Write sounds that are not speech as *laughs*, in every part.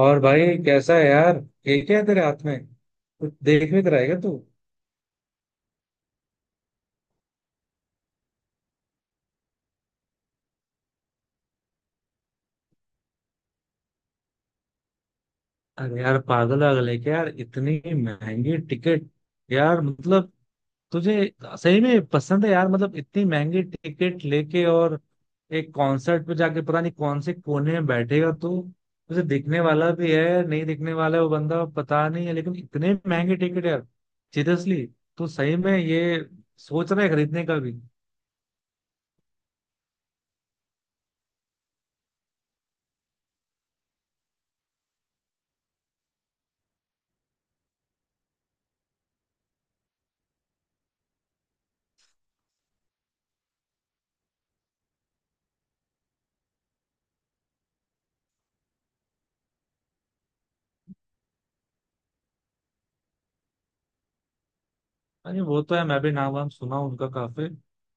और भाई कैसा है यार। ये क्या है तेरे हाथ में। कुछ देख भी तो रहेगा तू। अरे यार पागल वागल है क्या यार, इतनी महंगी टिकट। यार मतलब तुझे सही में पसंद है यार, मतलब इतनी महंगी टिकट लेके, और एक कॉन्सर्ट पे जाके पता नहीं कौन से कोने में बैठेगा तू। तुझे दिखने वाला भी है, नहीं दिखने वाला है वो बंदा पता नहीं है, लेकिन इतने महंगे टिकट यार। सीरियसली तू सही में ये सोच रहा है खरीदने का भी। अरे वो तो है, मैं भी नाम वाम सुना हूं उनका काफी।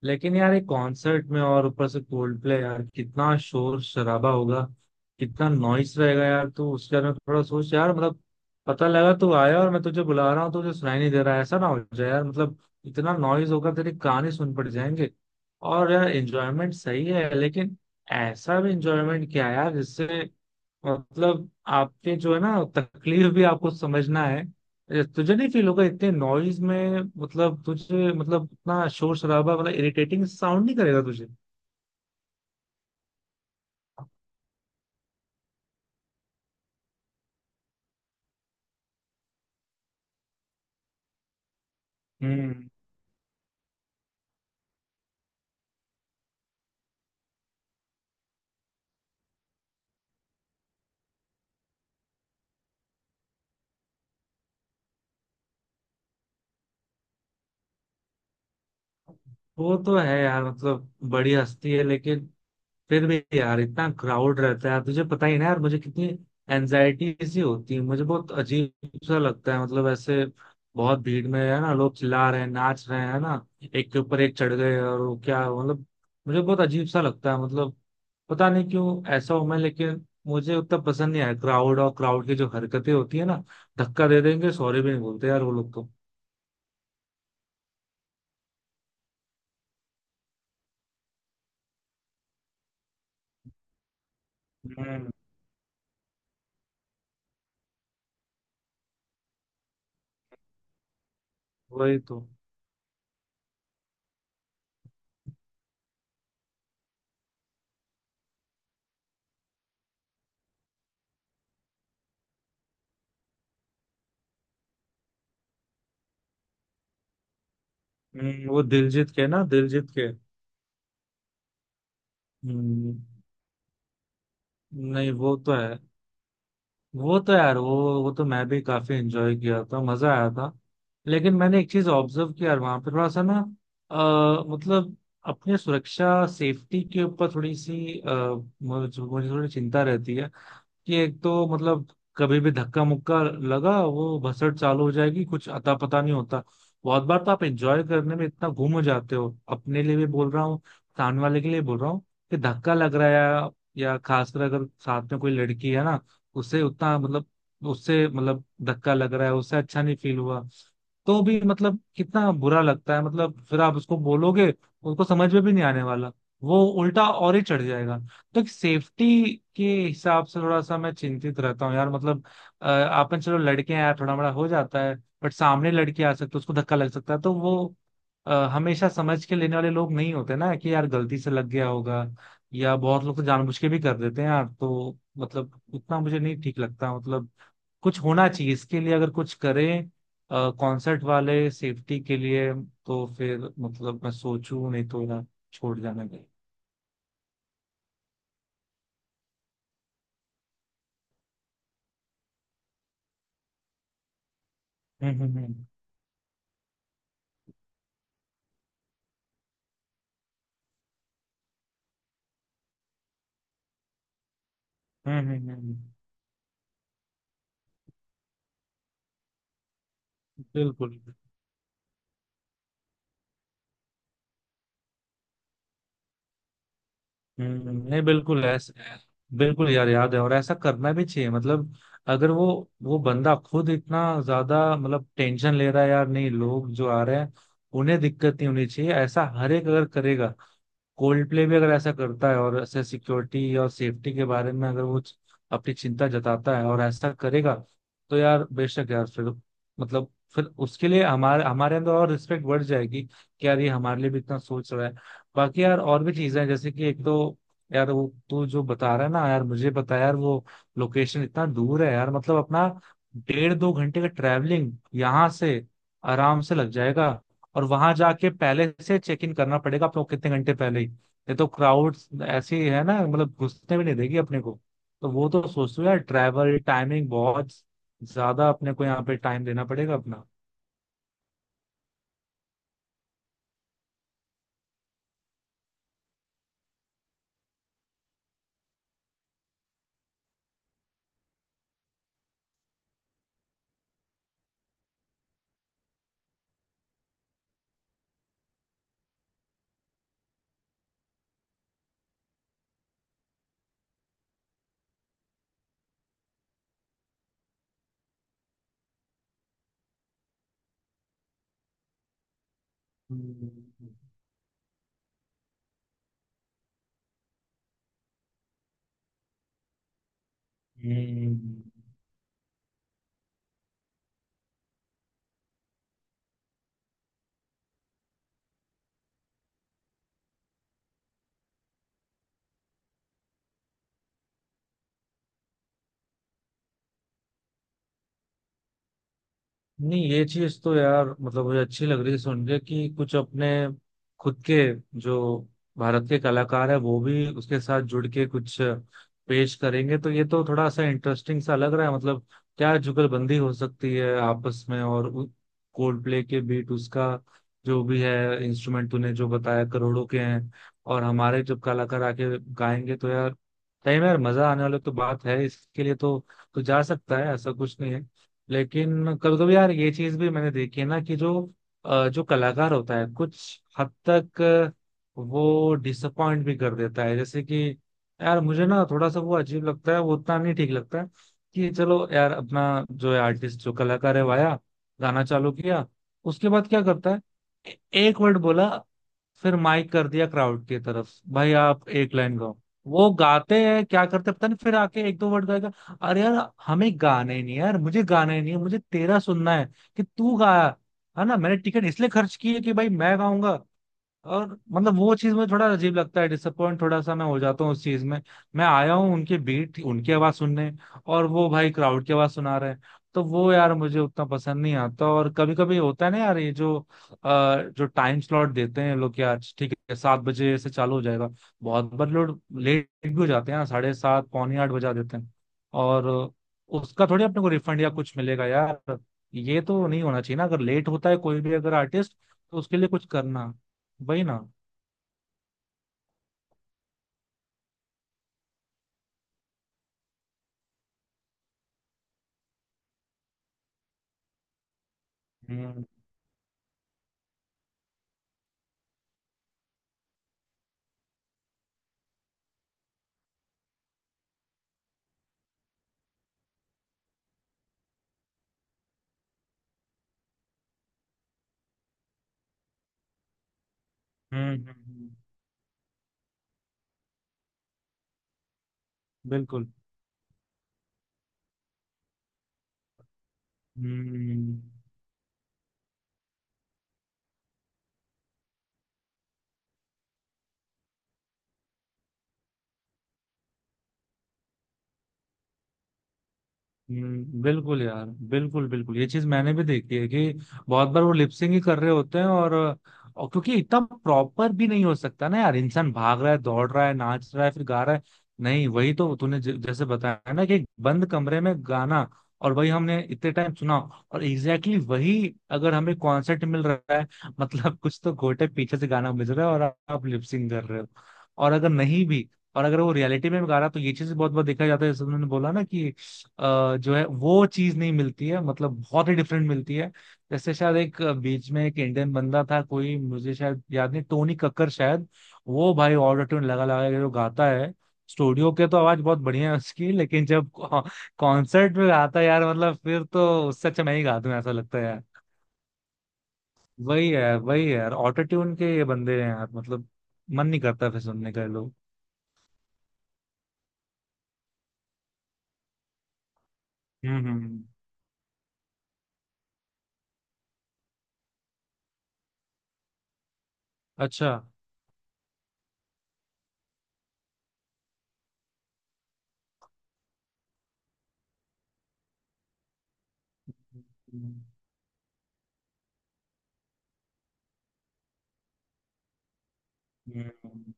लेकिन यार एक कॉन्सर्ट में और ऊपर से कोल्ड प्ले, यार कितना शोर शराबा होगा, कितना नॉइस रहेगा यार, तो उसके बारे में थोड़ा सोच यार मतलब। पता लगा तू आया और मैं तुझे बुला रहा हूँ तो तुझे सुनाई नहीं दे रहा है। ऐसा ना हो जाए यार, मतलब इतना नॉइस होगा तेरी कान ही सुन पड़ जाएंगे। और यार एंजॉयमेंट सही है, लेकिन ऐसा भी एंजॉयमेंट क्या है यार जिससे, मतलब आपने जो है ना तकलीफ भी आपको समझना है। ए, तुझे नहीं फील होगा इतने नॉइज में, मतलब तुझे, मतलब इतना शोर शराबा, मतलब इरिटेटिंग साउंड नहीं करेगा तुझे। हम्म। वो तो है यार, मतलब बड़ी हस्ती है, लेकिन फिर भी यार इतना क्राउड रहता है यार, तुझे पता ही ना यार मुझे कितनी एनजाइटी सी होती है, मुझे बहुत अजीब सा लगता है, मतलब ऐसे बहुत भीड़ में है ना, लोग चिल्ला रहे हैं नाच रहे हैं है ना, एक के ऊपर एक चढ़ गए और वो क्या मतलब। मुझे बहुत अजीब सा लगता है मतलब, पता नहीं क्यों ऐसा हूं मैं, लेकिन मुझे उतना पसंद नहीं आया क्राउड, और क्राउड की जो हरकतें होती है ना, धक्का दे देंगे, सॉरी भी नहीं बोलते यार वो लोग तो। हम्म। वही तो। वो दिलजीत के ना, दिलजीत के। हम्म, नहीं वो तो है। वो तो यार, वो तो मैं भी काफी एंजॉय किया था, मजा आया था। लेकिन मैंने एक चीज ऑब्जर्व किया यार, वहां पे थोड़ा सा ना मतलब अपने सुरक्षा सेफ्टी के ऊपर थोड़ी सी मुझे मुझे थोड़ी चिंता रहती है कि एक तो मतलब कभी भी धक्का मुक्का लगा वो भसड़ चालू हो जाएगी, कुछ अता पता नहीं होता। बहुत बार तो आप एंजॉय करने में इतना गुम हो जाते हो, अपने लिए भी बोल रहा हूँ, सामने वाले के लिए बोल रहा हूँ कि धक्का लग रहा है या खासकर अगर साथ में कोई लड़की है ना, उसे उतना, मतलब उससे, मतलब धक्का लग रहा है, उससे अच्छा नहीं फील हुआ, तो भी मतलब कितना बुरा लगता है, मतलब फिर आप उसको बोलोगे, उसको समझ में भी नहीं आने वाला, वो उल्टा और ही चढ़ जाएगा। तो सेफ्टी के हिसाब से थोड़ा सा मैं चिंतित रहता हूँ यार, मतलब आपन चलो लड़के हैं यार, थोड़ा बड़ा हो जाता है, बट सामने लड़की आ सकती है, उसको धक्का लग सकता है, तो वो हमेशा समझ के लेने वाले लोग नहीं होते ना कि यार गलती से लग गया होगा, या बहुत लोग तो जानबूझ के भी कर देते हैं यार, तो मतलब उतना मुझे नहीं ठीक लगता मतलब। कुछ होना चाहिए इसके लिए, अगर कुछ करें कॉन्सर्ट वाले सेफ्टी के लिए, तो फिर मतलब मैं सोचूं, नहीं तो यार छोड़ जाना चाहिए। हम्म। हम्म हम्म हम्म। बिल्कुल। नहीं बिल्कुल ऐसा। बिल्कुल यार, याद है, और ऐसा करना भी चाहिए, मतलब अगर वो बंदा खुद इतना ज्यादा, मतलब टेंशन ले रहा है यार, नहीं लोग जो आ रहे हैं उन्हें दिक्कत नहीं होनी चाहिए। ऐसा हर एक अगर करेगा, कोल्ड प्ले भी अगर ऐसा करता है और ऐसे सिक्योरिटी और सेफ्टी के बारे में अगर वो अपनी चिंता जताता है और ऐसा करेगा, तो यार बेशक यार, फिर मतलब फिर उसके लिए हमारे हमारे अंदर और रिस्पेक्ट बढ़ जाएगी कि यार ये हमारे लिए भी इतना सोच रहा है। बाकी यार और भी चीजें हैं, जैसे कि एक तो यार वो तू जो बता रहा है ना यार, मुझे पता है यार वो, लोकेशन इतना दूर है यार, मतलब अपना डेढ़ दो घंटे का ट्रैवलिंग यहाँ से आराम से लग जाएगा। और वहां जाके पहले से चेक इन करना पड़ेगा अपने को कितने घंटे पहले ही, ये तो क्राउड ऐसी है ना, मतलब घुसने भी नहीं देगी अपने को, तो वो तो सोचो यार ट्रैवल टाइमिंग बहुत ज्यादा, अपने को यहाँ पे टाइम देना पड़ेगा अपना। हम्म। हम्म, नहीं ये चीज तो यार, मतलब मुझे अच्छी लग रही है सुन के कि कुछ अपने खुद के जो भारत के कलाकार है वो भी उसके साथ जुड़ के कुछ पेश करेंगे, तो ये तो थोड़ा सा इंटरेस्टिंग सा लग रहा है मतलब। क्या जुगलबंदी हो सकती है आपस में, और कोल्ड प्ले के बीट, उसका जो भी है इंस्ट्रूमेंट तूने जो बताया करोड़ों के हैं, और हमारे जब कलाकार आके गाएंगे तो यार सही में यार मजा आने वाला तो बात है इसके लिए तो। तो जा सकता है, ऐसा कुछ नहीं है। लेकिन कभी कभी यार ये चीज भी मैंने देखी है ना कि जो जो कलाकार होता है, कुछ हद तक वो डिसअपॉइंट भी कर देता है, जैसे कि यार मुझे ना थोड़ा सा वो अजीब लगता है, वो उतना नहीं ठीक लगता है कि चलो यार अपना जो है आर्टिस्ट, जो कलाकार है वो आया, गाना चालू किया, उसके बाद क्या करता है, एक वर्ड बोला, फिर माइक कर दिया क्राउड की तरफ, भाई आप एक लाइन गाओ, वो गाते हैं क्या करते हैं पता नहीं, फिर आके एक दो वर्ड गाएगा। अरे यार हमें गाना ही नहीं है यार, मुझे गाना ही नहीं है, मुझे तेरा सुनना है कि तू गाया, है ना, मैंने टिकट इसलिए खर्च की है कि भाई मैं गाऊंगा। और मतलब वो चीज मुझे थोड़ा अजीब लगता है, डिसअपॉइंट थोड़ा सा मैं हो जाता हूँ उस चीज में। मैं आया हूँ उनके बीट उनकी आवाज सुनने, और वो भाई क्राउड की आवाज सुना रहे हैं, तो वो यार मुझे उतना पसंद नहीं आता। और कभी कभी होता है ना यार ये जो जो टाइम स्लॉट देते हैं लोग यार, ठीक है 7 बजे से चालू हो जाएगा, बहुत बार लोग लेट भी हो जाते हैं यार, 7:30 7:45 बजा देते हैं, और उसका थोड़ी अपने को रिफंड या कुछ मिलेगा यार। ये तो नहीं होना चाहिए ना, अगर लेट होता है कोई भी अगर आर्टिस्ट, तो उसके लिए कुछ करना, वही ना। हम्म हम्म हम्म, हम्म, बिल्कुल। हम्म बिल्कुल यार। बिल्कुल बिल्कुल, ये चीज मैंने भी देखी है कि बहुत बार वो लिपसिंग ही कर रहे होते हैं, और क्योंकि इतना प्रॉपर भी नहीं हो सकता ना यार, इंसान भाग रहा है दौड़ रहा है नाच रहा है फिर गा रहा है। नहीं वही तो तूने जैसे बताया ना कि एक बंद कमरे में गाना, और वही हमने इतने टाइम सुना, और एग्जैक्टली exactly वही अगर हमें कॉन्सर्ट मिल रहा है, *laughs* मतलब कुछ तो घोटे, पीछे से गाना बज रहा है और आप लिपसिंग कर रहे हो। और अगर नहीं भी, और अगर वो रियलिटी में भी गा रहा है, तो ये चीज बहुत बार देखा जाता है, जैसे उन्होंने बोला ना कि जो है वो चीज नहीं मिलती है, मतलब बहुत ही डिफरेंट मिलती है। जैसे शायद एक बीच में एक इंडियन बंदा था कोई, मुझे शायद याद नहीं, टोनी कक्कर शायद। वो भाई ऑटो ट्यून लगा लगा के जो गाता है, स्टूडियो के तो आवाज बहुत बढ़िया है उसकी, लेकिन जब कॉन्सर्ट में गाता है यार, मतलब फिर तो उससे अच्छा मैं ही गा दूं ऐसा लगता है यार। वही है, वही है यार, ऑटो ट्यून के ये बंदे हैं यार, मतलब मन नहीं करता फिर सुनने का ये लोग। हम्म हम्म हम्म। अच्छा। हम्म, हम्म।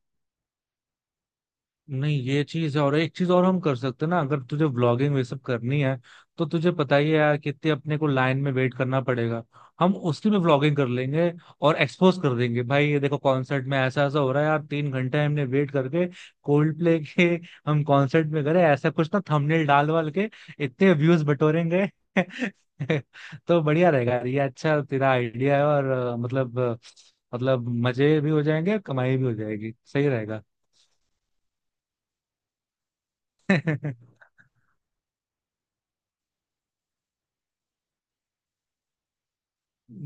नहीं ये चीज है, और एक चीज और हम कर सकते हैं ना, अगर तुझे व्लॉगिंग वे सब करनी है तो तुझे पता ही है यार कितने अपने को लाइन में वेट करना पड़ेगा, हम उसी में व्लॉगिंग कर लेंगे। और एक्सपोज कर देंगे भाई, ये देखो कॉन्सर्ट में ऐसा ऐसा हो रहा है यार, 3 घंटे हमने वेट करके कोल्ड प्ले के, हम कॉन्सर्ट में करे ऐसा कुछ ना, थंबनेल डाल वाल के इतने व्यूज बटोरेंगे। *laughs* तो बढ़िया रहेगा यार, ये अच्छा तेरा आइडिया है, और मतलब मतलब मजे भी हो जाएंगे, कमाई भी हो जाएगी, सही रहेगा। *laughs*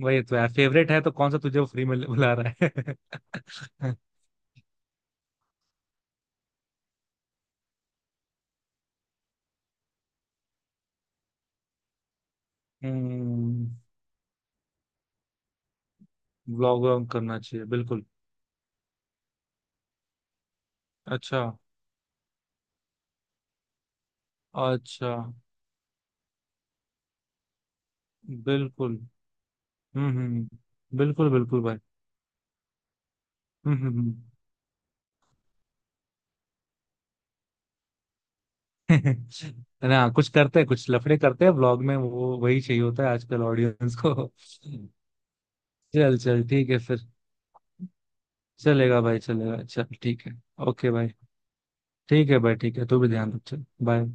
वही तो यार, फेवरेट है तो कौन सा तुझे वो फ्री में बुला रहा है। *laughs* हम्म। ब्लॉग वॉग करना चाहिए बिल्कुल। अच्छा। अच्छा। बिल्कुल। हम्म, बिल्कुल बिल्कुल भाई। हम्म हम्म हम्म। *laughs* है ना, कुछ करते हैं, कुछ लफड़े करते हैं, ब्लॉग में वो वही चाहिए होता है आजकल ऑडियंस को। *laughs* चल चल ठीक है फिर। चलेगा भाई चलेगा, चल ठीक है। ओके भाई। ठीक है भाई, ठीक है, तू भी ध्यान रख, चल बाय।